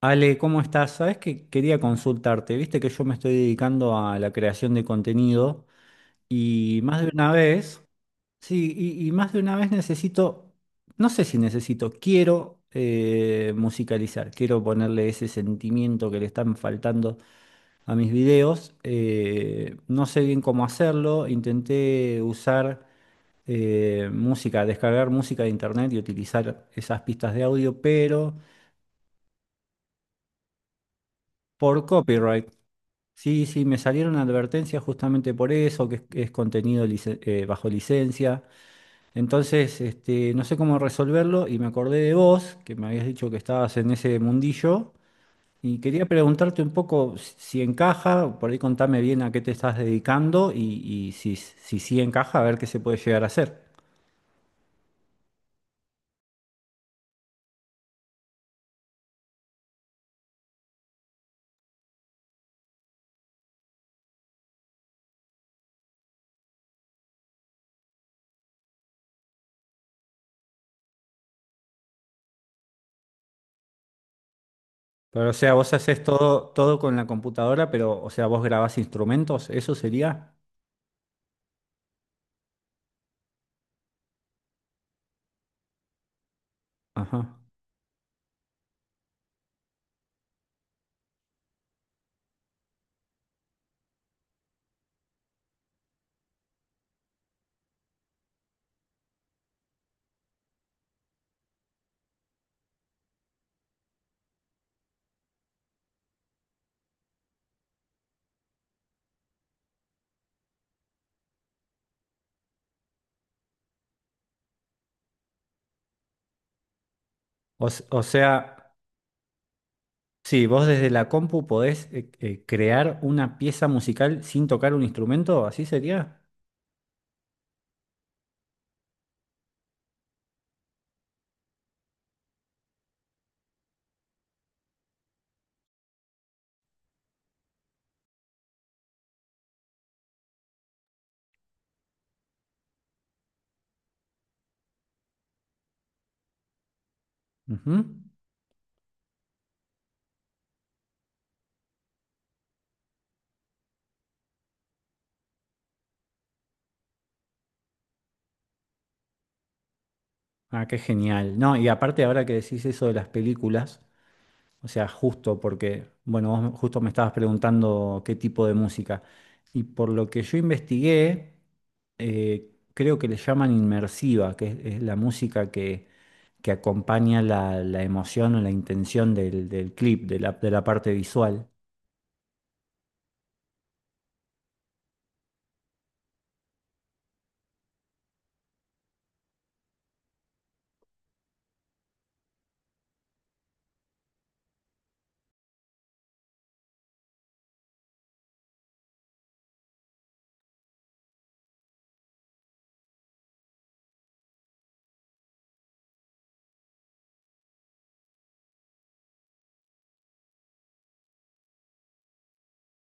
Ale, ¿cómo estás? Sabes que quería consultarte. Viste que yo me estoy dedicando a la creación de contenido y más de una vez, sí, y más de una vez necesito, no sé si necesito, quiero musicalizar, quiero ponerle ese sentimiento que le están faltando a mis videos. No sé bien cómo hacerlo, intenté usar música, descargar música de internet y utilizar esas pistas de audio, pero por copyright. Sí, sí, me salieron advertencias justamente por eso, que es contenido bajo licencia. Entonces, no sé cómo resolverlo y me acordé de vos, que me habías dicho que estabas en ese mundillo, y quería preguntarte un poco si encaja, por ahí contame bien a qué te estás dedicando y si, si sí encaja, a ver qué se puede llegar a hacer. Pero, o sea, vos haces todo con la computadora, pero, o sea, vos grabás instrumentos, eso sería. Ajá. O, s- o sea. Sí, vos desde la compu podés crear una pieza musical sin tocar un instrumento, ¿así sería? Ujú. Ah, qué genial. No, y aparte ahora que decís eso de las películas, o sea, justo porque, bueno, vos justo me estabas preguntando qué tipo de música. Y por lo que yo investigué, creo que le llaman inmersiva, es la música que acompaña la, la emoción o la intención del, del clip, de la parte visual.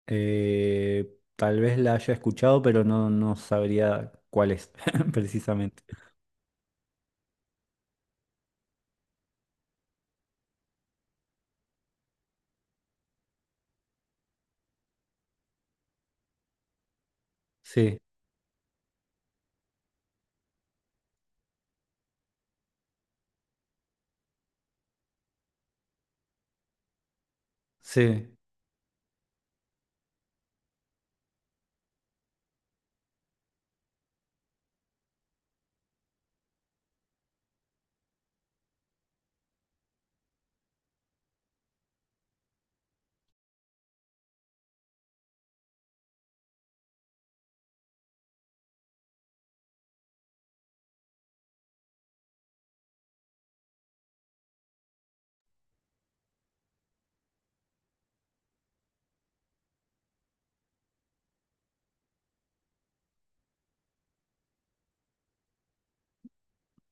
Tal vez la haya escuchado, pero no, no sabría cuál es precisamente. Sí, sí.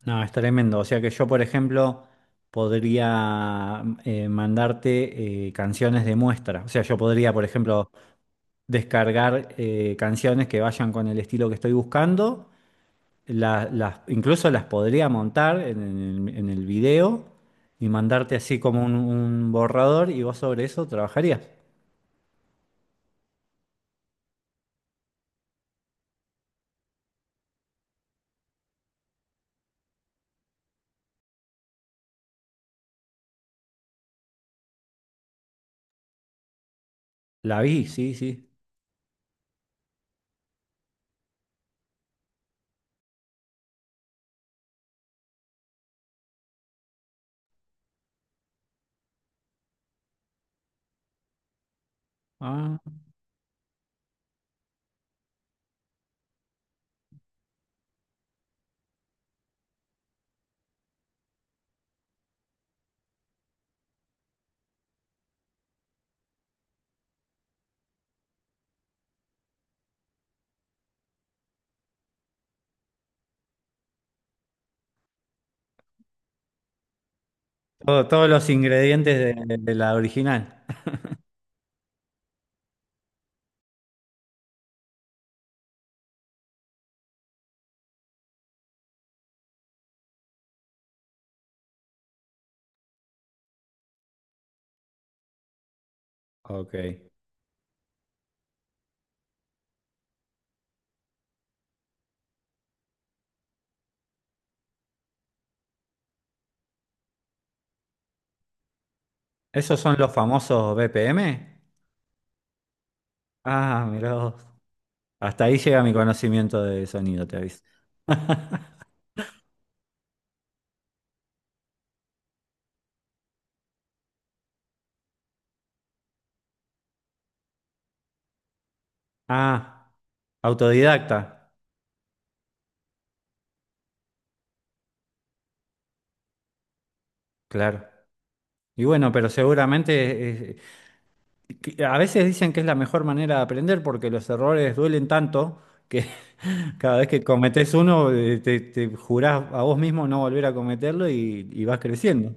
No, es tremendo. O sea que yo, por ejemplo, podría mandarte canciones de muestra. O sea, yo podría, por ejemplo, descargar canciones que vayan con el estilo que estoy buscando. Las, incluso las podría montar en el video y mandarte así como un borrador y vos sobre eso trabajarías. La vi, sí, sí. Ah, todos los ingredientes de la original. Ok. ¿Esos son los famosos BPM? Ah, mirá vos. Hasta ahí llega mi conocimiento de sonido, te aviso. Ah, autodidacta. Claro. Y bueno, pero seguramente que a veces dicen que es la mejor manera de aprender porque los errores duelen tanto que cada vez que cometés uno te, te jurás a vos mismo no volver a cometerlo y vas creciendo.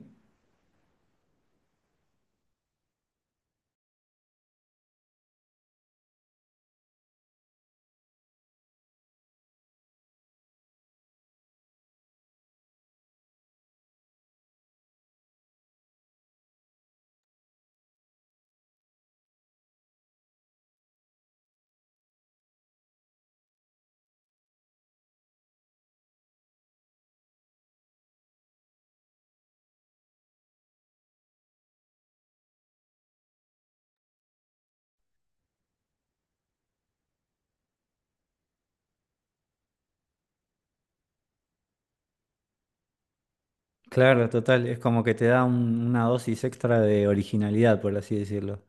Claro, total, es como que te da una dosis extra de originalidad, por así decirlo.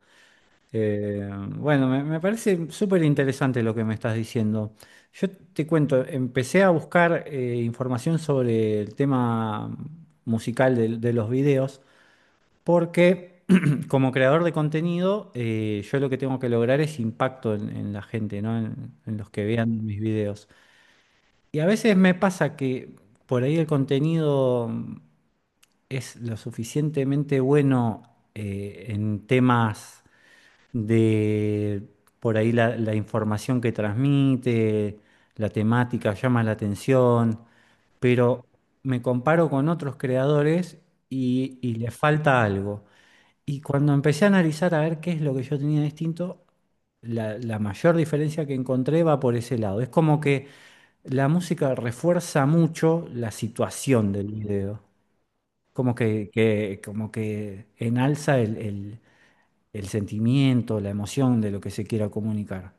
Eh, bueno, me parece súper interesante lo que me estás diciendo. Yo te cuento, empecé a buscar información sobre el tema musical de, los videos, porque como creador de contenido, yo lo que tengo que lograr es impacto en la gente, ¿no? En los que vean mis videos. Y a veces me pasa que por ahí el contenido es lo suficientemente bueno en temas de por ahí la, la información que transmite, la temática llama la atención, pero me comparo con otros creadores y le falta algo. Y cuando empecé a analizar a ver qué es lo que yo tenía distinto, la mayor diferencia que encontré va por ese lado. Es como que la música refuerza mucho la situación del video como que, como que enalza el, el sentimiento, la emoción de lo que se quiera comunicar.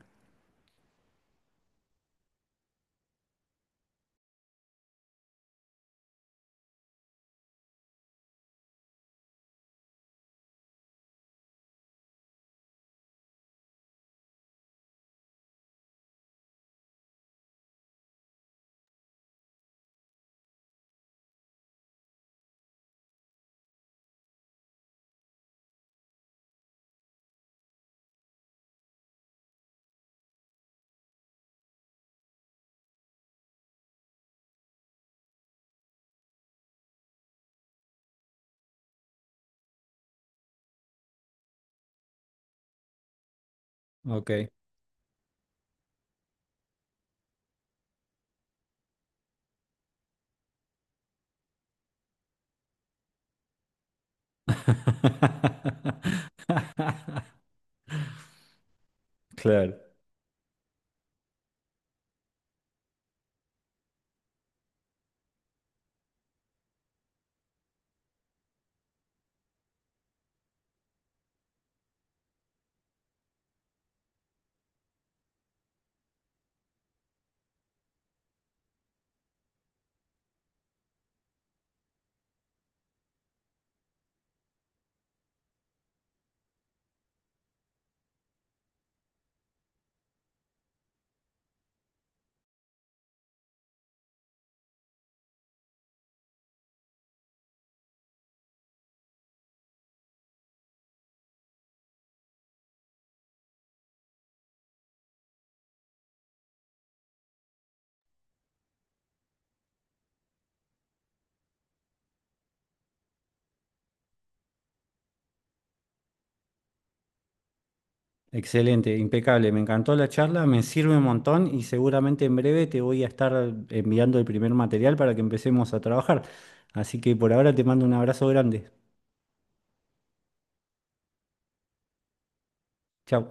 Ok. Claro. Excelente, impecable. Me encantó la charla, me sirve un montón y seguramente en breve te voy a estar enviando el primer material para que empecemos a trabajar. Así que por ahora te mando un abrazo grande. Chao.